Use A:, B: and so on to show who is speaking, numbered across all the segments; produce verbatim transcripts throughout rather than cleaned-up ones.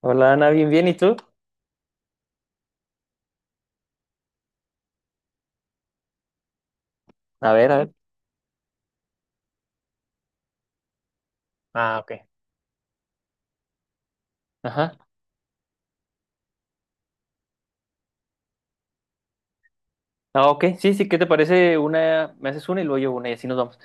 A: Hola Ana, bien, bien, ¿y tú? A ver, a ver. Ah, ok. Ajá. Ah, ok, sí, sí, ¿qué te parece? Una, me haces una y luego yo una y así nos vamos.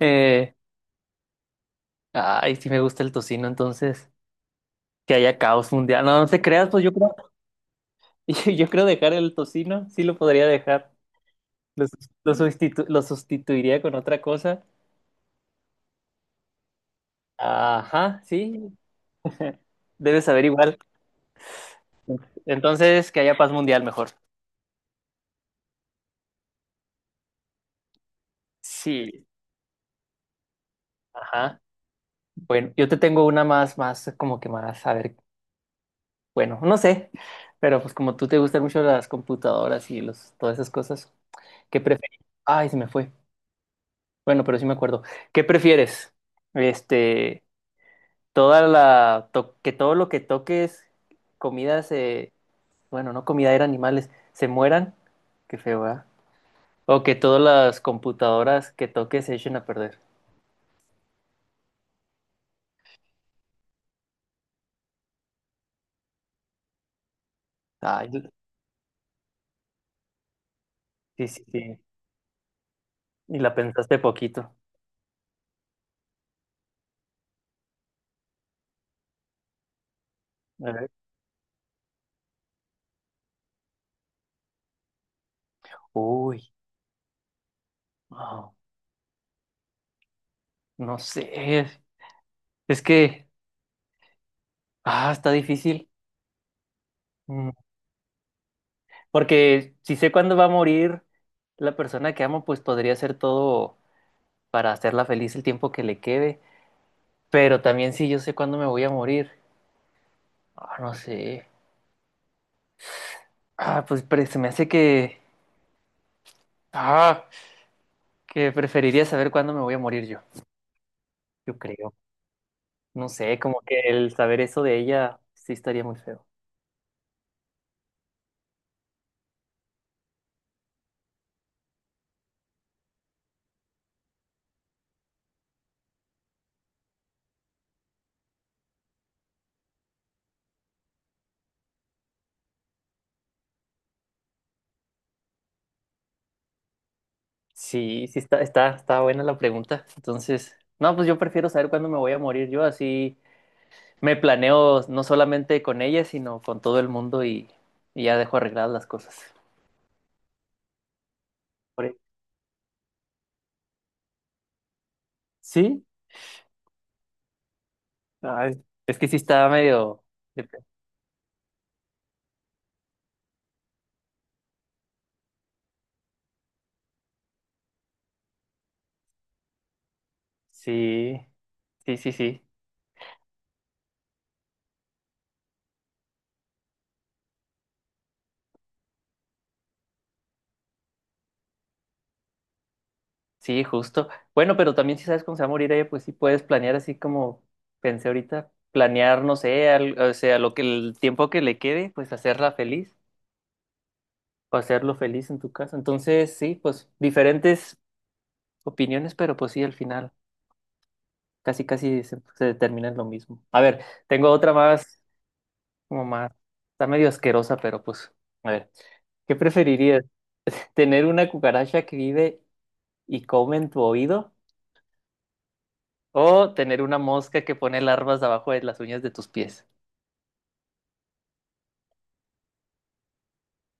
A: Eh, ay, sí me gusta el tocino, entonces, que haya caos mundial. No, no te creas, pues yo creo, yo yo creo dejar el tocino, sí lo podría dejar. Lo, sus- lo sustitu- lo sustituiría con otra cosa. Ajá, sí. Debes saber igual. Entonces, que haya paz mundial mejor. Sí. Ajá. Bueno, yo te tengo una más, más, como que más, a ver. Bueno, no sé, pero pues como tú te gustan mucho las computadoras y los, todas esas cosas, ¿qué prefieres? Ay, se me fue. Bueno, pero sí me acuerdo. ¿Qué prefieres? Este, toda la to- que todo lo que toques, comidas, se, bueno, no comida, eran animales, se mueran. Qué feo, ¿verdad? O que todas las computadoras que toques se echen a perder. Ay, sí, sí, sí. Y la pensaste poquito. A ver. Uy, wow, no sé. Es que, ah, está difícil. Mm, Porque si sé cuándo va a morir la persona que amo, pues podría hacer todo para hacerla feliz el tiempo que le quede. Pero también si yo sé cuándo me voy a morir. Ah, no sé. Ah, pues pre- se me hace que... Ah, que preferiría saber cuándo me voy a morir yo. Yo creo. No sé, como que el saber eso de ella sí estaría muy feo. Sí, sí está, está, está buena la pregunta. Entonces, no, pues yo prefiero saber cuándo me voy a morir yo así. Me planeo no solamente con ella, sino con todo el mundo y, y ya dejo arregladas las cosas. Por- e-, Sí, ay, es que sí está medio... de- Sí, sí, sí, sí, sí, justo. Bueno, pero también si sabes cómo se va a morir ella, pues sí puedes planear así como pensé ahorita, planear, no sé, al- o sea, lo que el tiempo que le quede, pues hacerla feliz o hacerlo feliz en tu casa. Entonces, sí, pues diferentes opiniones, pero pues sí, al final. Casi, casi se, se determina lo mismo. A ver, tengo otra más, como más, está medio asquerosa, pero pues, a ver, ¿qué preferirías? ¿Tener una cucaracha que vive y come en tu oído? ¿O tener una mosca que pone larvas abajo de las uñas de tus pies?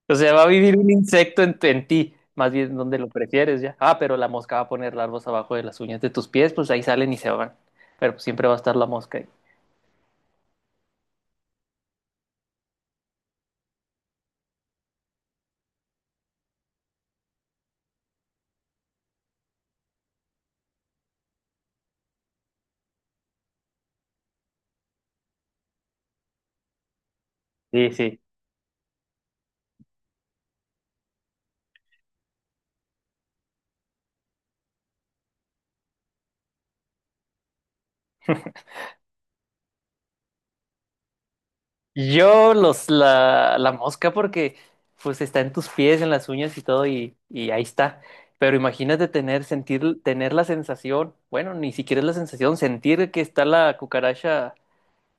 A: O sea, va a vivir un insecto en, tu- en ti, más bien donde lo prefieres ya. Ah, pero la mosca va a poner larvas abajo de las uñas de tus pies, pues ahí salen y se van. Pero pues, siempre va a estar la mosca ahí. Sí, sí. Yo los la, la mosca porque pues está en tus pies, en las uñas y todo y, y ahí está. Pero imagínate tener, sentir, tener la sensación, bueno, ni siquiera es la sensación, sentir que está la cucaracha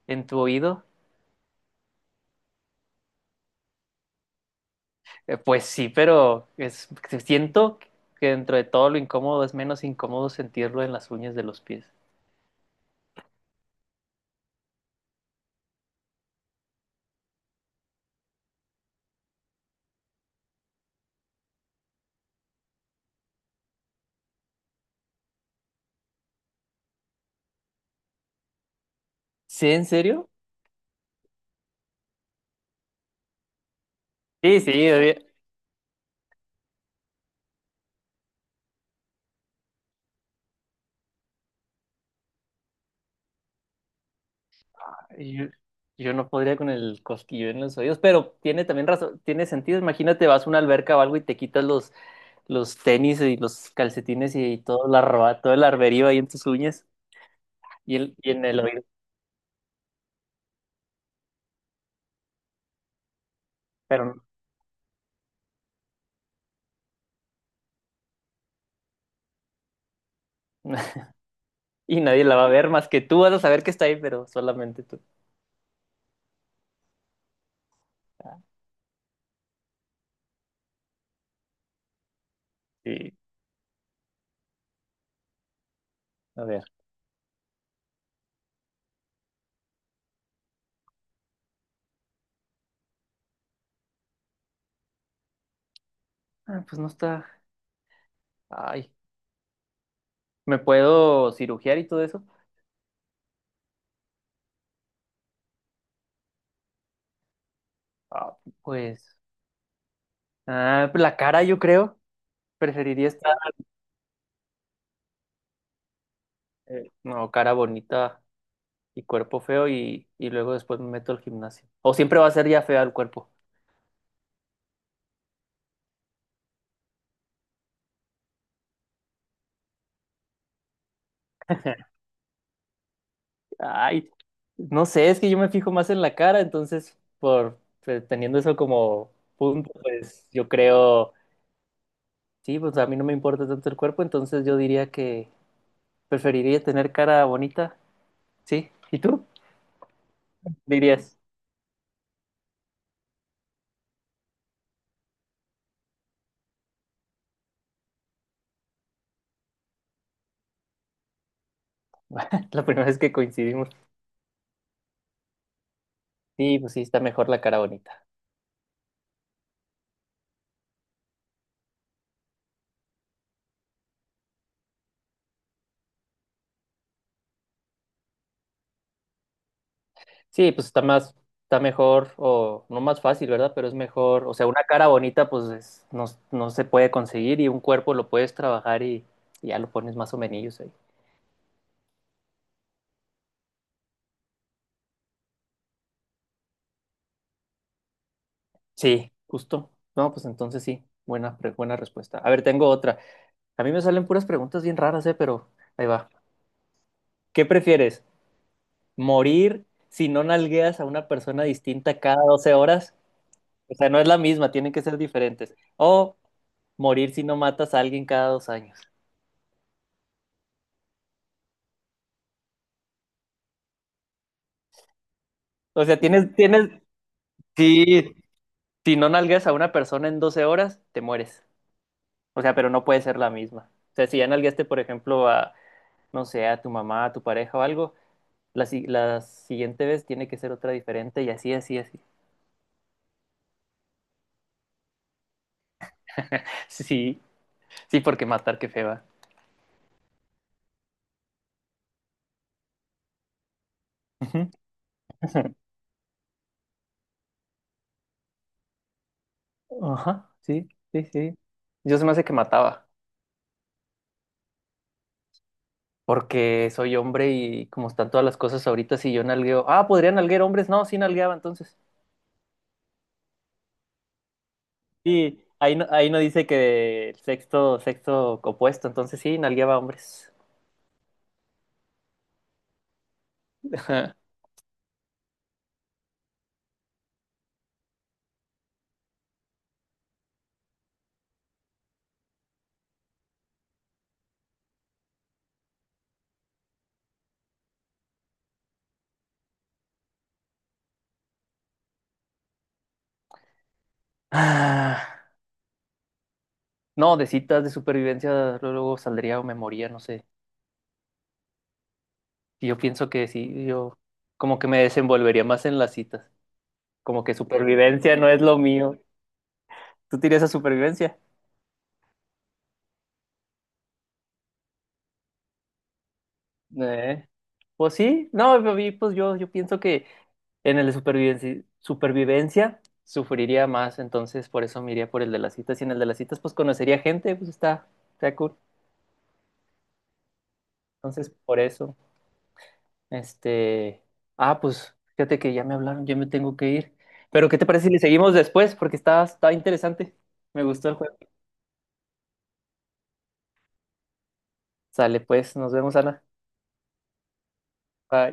A: en tu oído. Eh, pues sí, pero es, siento que dentro de todo lo incómodo es menos incómodo sentirlo en las uñas de los pies. ¿Sí, en serio? Sí, sí, obvia- yo, yo no podría con el cosquillo en los oídos, pero tiene también razón, tiene sentido. Imagínate, vas a una alberca o algo y te quitas los los tenis y los calcetines y todo, la roba, todo el arberío ahí en tus uñas y, el- y en el oído, pero y nadie la va a ver más que tú vas a saber que está ahí, pero solamente tú. Ah, sí, a ver. Ah, pues no está. Ay, ¿me puedo cirugiar y todo eso? Ah, pues, ah, pues la cara yo creo, preferiría estar, eh, no, cara bonita y cuerpo feo y, y luego después me meto al gimnasio. O siempre va a ser ya fea el cuerpo. Ay, no sé, es que yo me fijo más en la cara, entonces, por pues, teniendo eso como punto, pues yo creo, sí, pues a mí no me importa tanto el cuerpo, entonces yo diría que preferiría tener cara bonita, sí. ¿Y tú? Dirías, la primera vez que coincidimos, sí, pues sí, está mejor la cara bonita. Sí, pues está más, está mejor, o no más fácil, ¿verdad? Pero es mejor, o sea, una cara bonita, pues es- no, no se puede conseguir y un cuerpo lo puedes trabajar y, y ya lo pones más o menos ahí. Sí, justo. No, pues entonces sí, buena, pre- buena respuesta. A ver, tengo otra. A mí me salen puras preguntas bien raras, eh, pero ahí va. ¿Qué prefieres? ¿Morir si no nalgueas a una persona distinta cada doce horas? O sea, no es la misma, tienen que ser diferentes. O morir si no matas a alguien cada dos años. O sea, tienes, tienes, sí, si no nalgueas a una persona en doce horas, te mueres. O sea, pero no puede ser la misma. O sea, si ya nalgueaste, por ejemplo, a, no sé, a tu mamá, a tu pareja o algo. La, si- la siguiente vez tiene que ser otra diferente y así, así, así. Sí, sí, porque matar, qué feba. Ajá, sí, sí, sí. Yo se me hace que mataba, porque soy hombre y como están todas las cosas ahorita, si yo nalgueo, ah, podrían nalguear hombres, no, sí nalgueaba entonces. Sí, ahí no, ahí no dice que el sexto, sexto opuesto, entonces sí, nalgueaba hombres. Ajá. Ah, no, de citas. De supervivencia luego luego saldría o me moría, no sé. Y yo pienso que sí, yo como que me desenvolvería más en las citas. Como que supervivencia no es lo mío. ¿Tú tienes a supervivencia? Eh, Pues sí, no, a mí, pues yo, yo pienso que en el de supervivencia, supervivencia sufriría más, entonces por eso me iría por el de las citas. Y en el de las citas, pues conocería gente, pues está, está cool. Entonces, por eso, este. Ah, pues fíjate que ya me hablaron, yo me tengo que ir. Pero, ¿qué te parece si le seguimos después? Porque está, está interesante. Me gustó el juego. Sale pues, nos vemos, Ana. Bye.